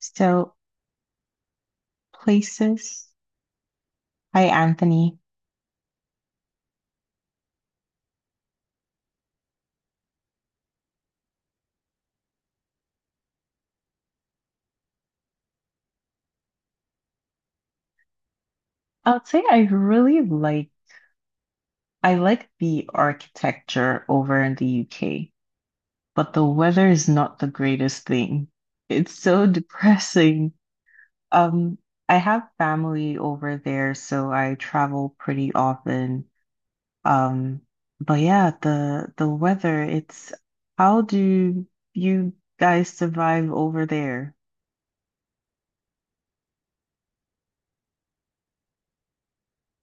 So places Hi, Anthony. I would say I really like I like the architecture over in the UK, but the weather is not the greatest thing. It's so depressing. Um, I have family over there, so I travel pretty often. Um, but yeah, the weather, it's how do you guys survive over there?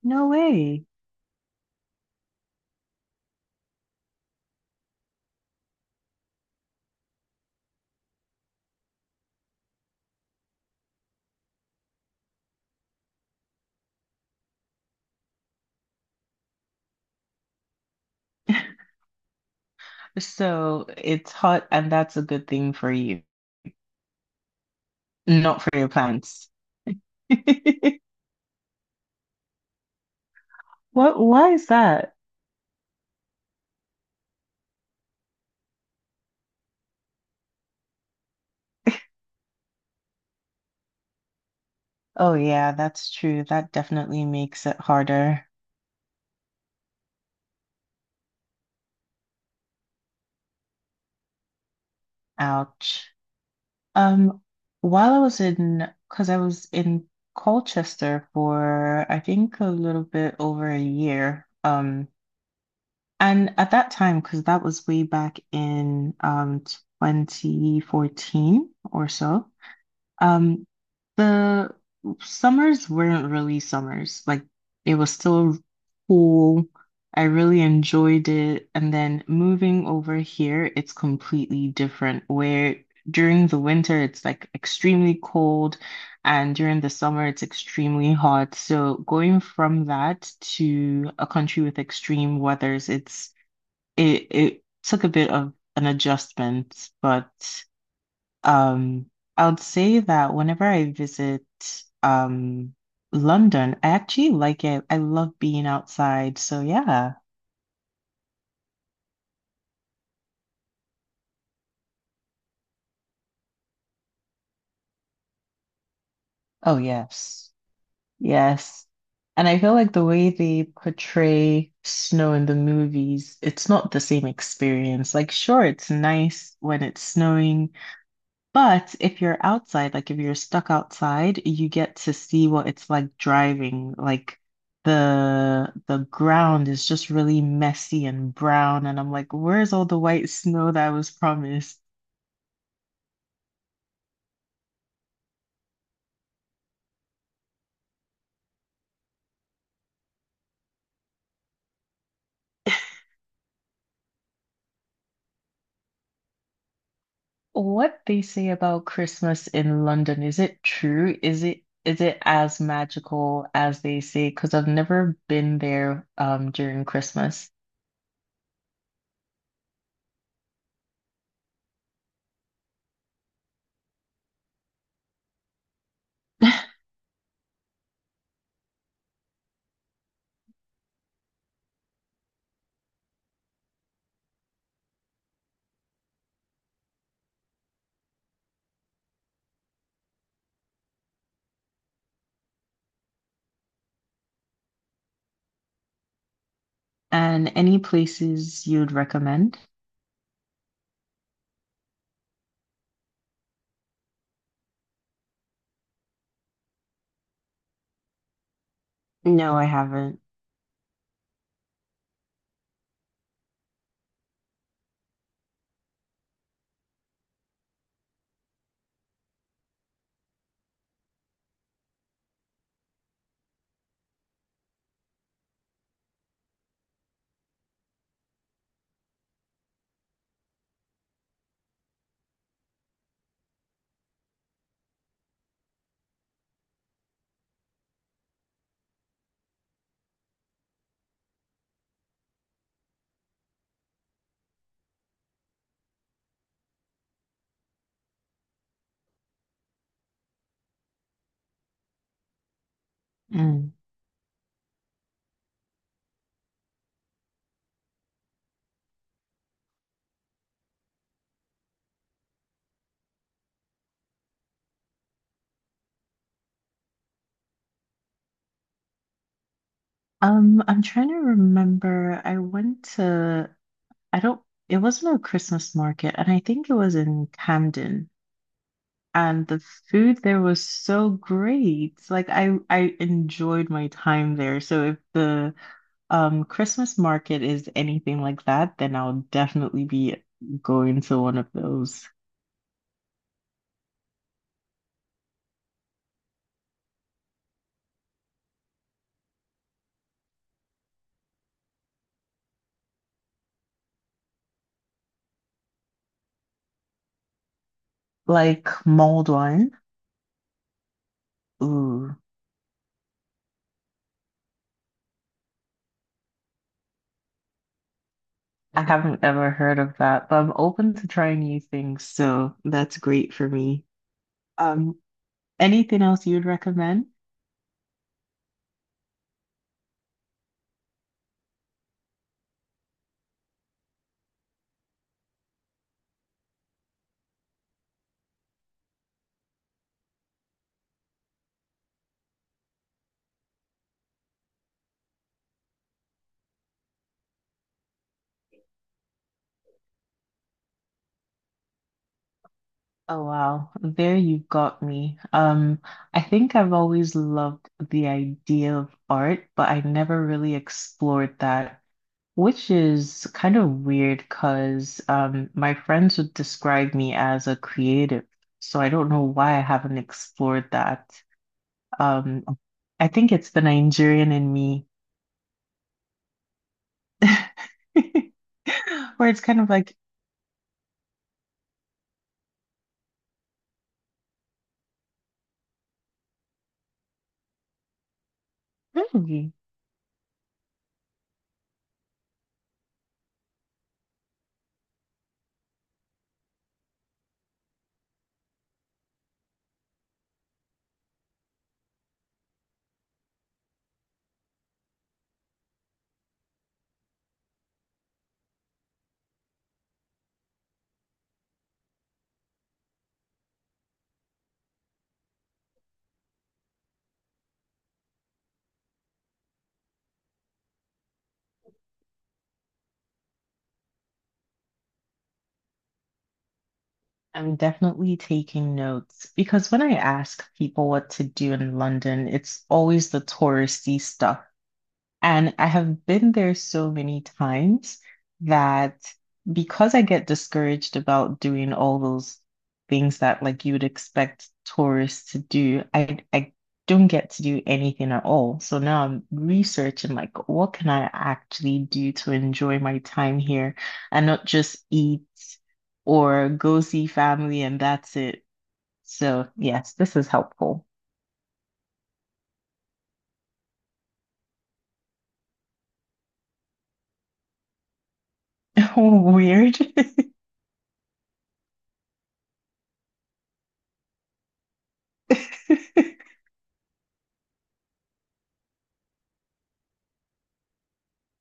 No way. So it's hot, and that's a good thing for you, not for your plants. What, why is that? Oh, yeah, that's true. That definitely makes it harder. Ouch. Um, while I was in, because I was in Colchester for, I think, a little bit over a year. And at that time, because that was way back in 2014 or so. Um, the summers weren't really summers. Like it was still cool. I really enjoyed it. And then moving over here, it's completely different where during the winter it's like extremely cold and during the summer it's extremely hot. So going from that to a country with extreme weathers, it took a bit of an adjustment, but um, I would say that whenever I visit um London, I actually like it. I love being outside. So yeah. Oh yes. Yes. And I feel like the way they portray snow in the movies, it's not the same experience. Like, sure, it's nice when it's snowing, but if you're outside, like if you're stuck outside, you get to see what it's like driving. Like the ground is just really messy and brown, and I'm like, where's all the white snow that was promised? What they say about Christmas in London, is it true? Is it as magical as they say? Because I've never been there during Christmas. And any places you'd recommend? No, I haven't. I'm trying to remember. I went to, I don't, it wasn't a Christmas market, and I think it was in Camden. And the food there was so great. I enjoyed my time there. So if the Christmas market is anything like that, then I'll definitely be going to one of those. Like mulled wine. Ooh, I haven't ever heard of that, but I'm open to trying new things, so that's great for me. Um, Anything else you'd recommend? Oh wow, there you got me. I think I've always loved the idea of art, but I never really explored that, which is kind of weird because my friends would describe me as a creative, so I don't know why I haven't explored that. Um, I think it's the Nigerian in me, where it's kind of like, really? I'm definitely taking notes because when I ask people what to do in London, it's always the touristy stuff. And I have been there so many times that because I get discouraged about doing all those things that like you would expect tourists to do, I don't get to do anything at all. So now I'm researching like what can I actually do to enjoy my time here and not just eat or go see family and that's it. So yes, this is helpful. Weird.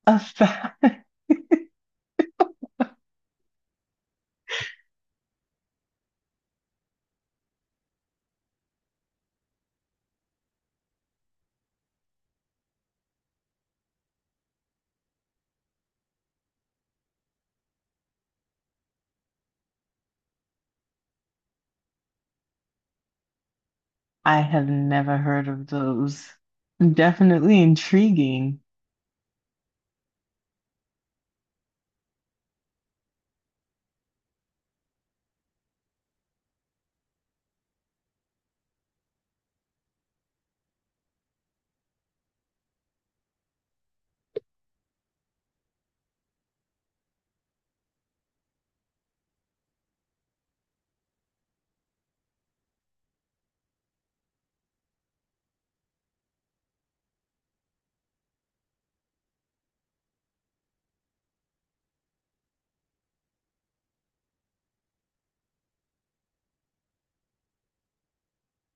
A fact. I have never heard of those. Definitely intriguing.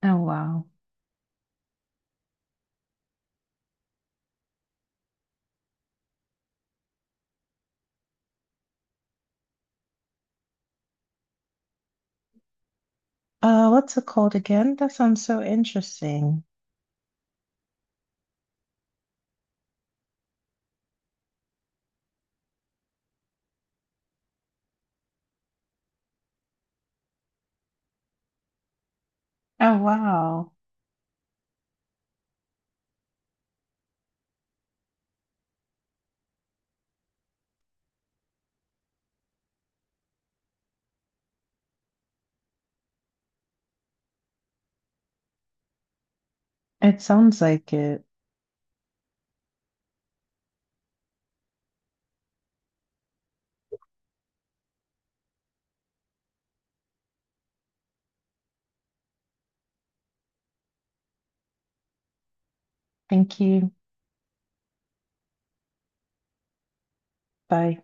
Oh, wow. What's it called again? That sounds so interesting. Oh, wow. It sounds like it. Thank you. Bye.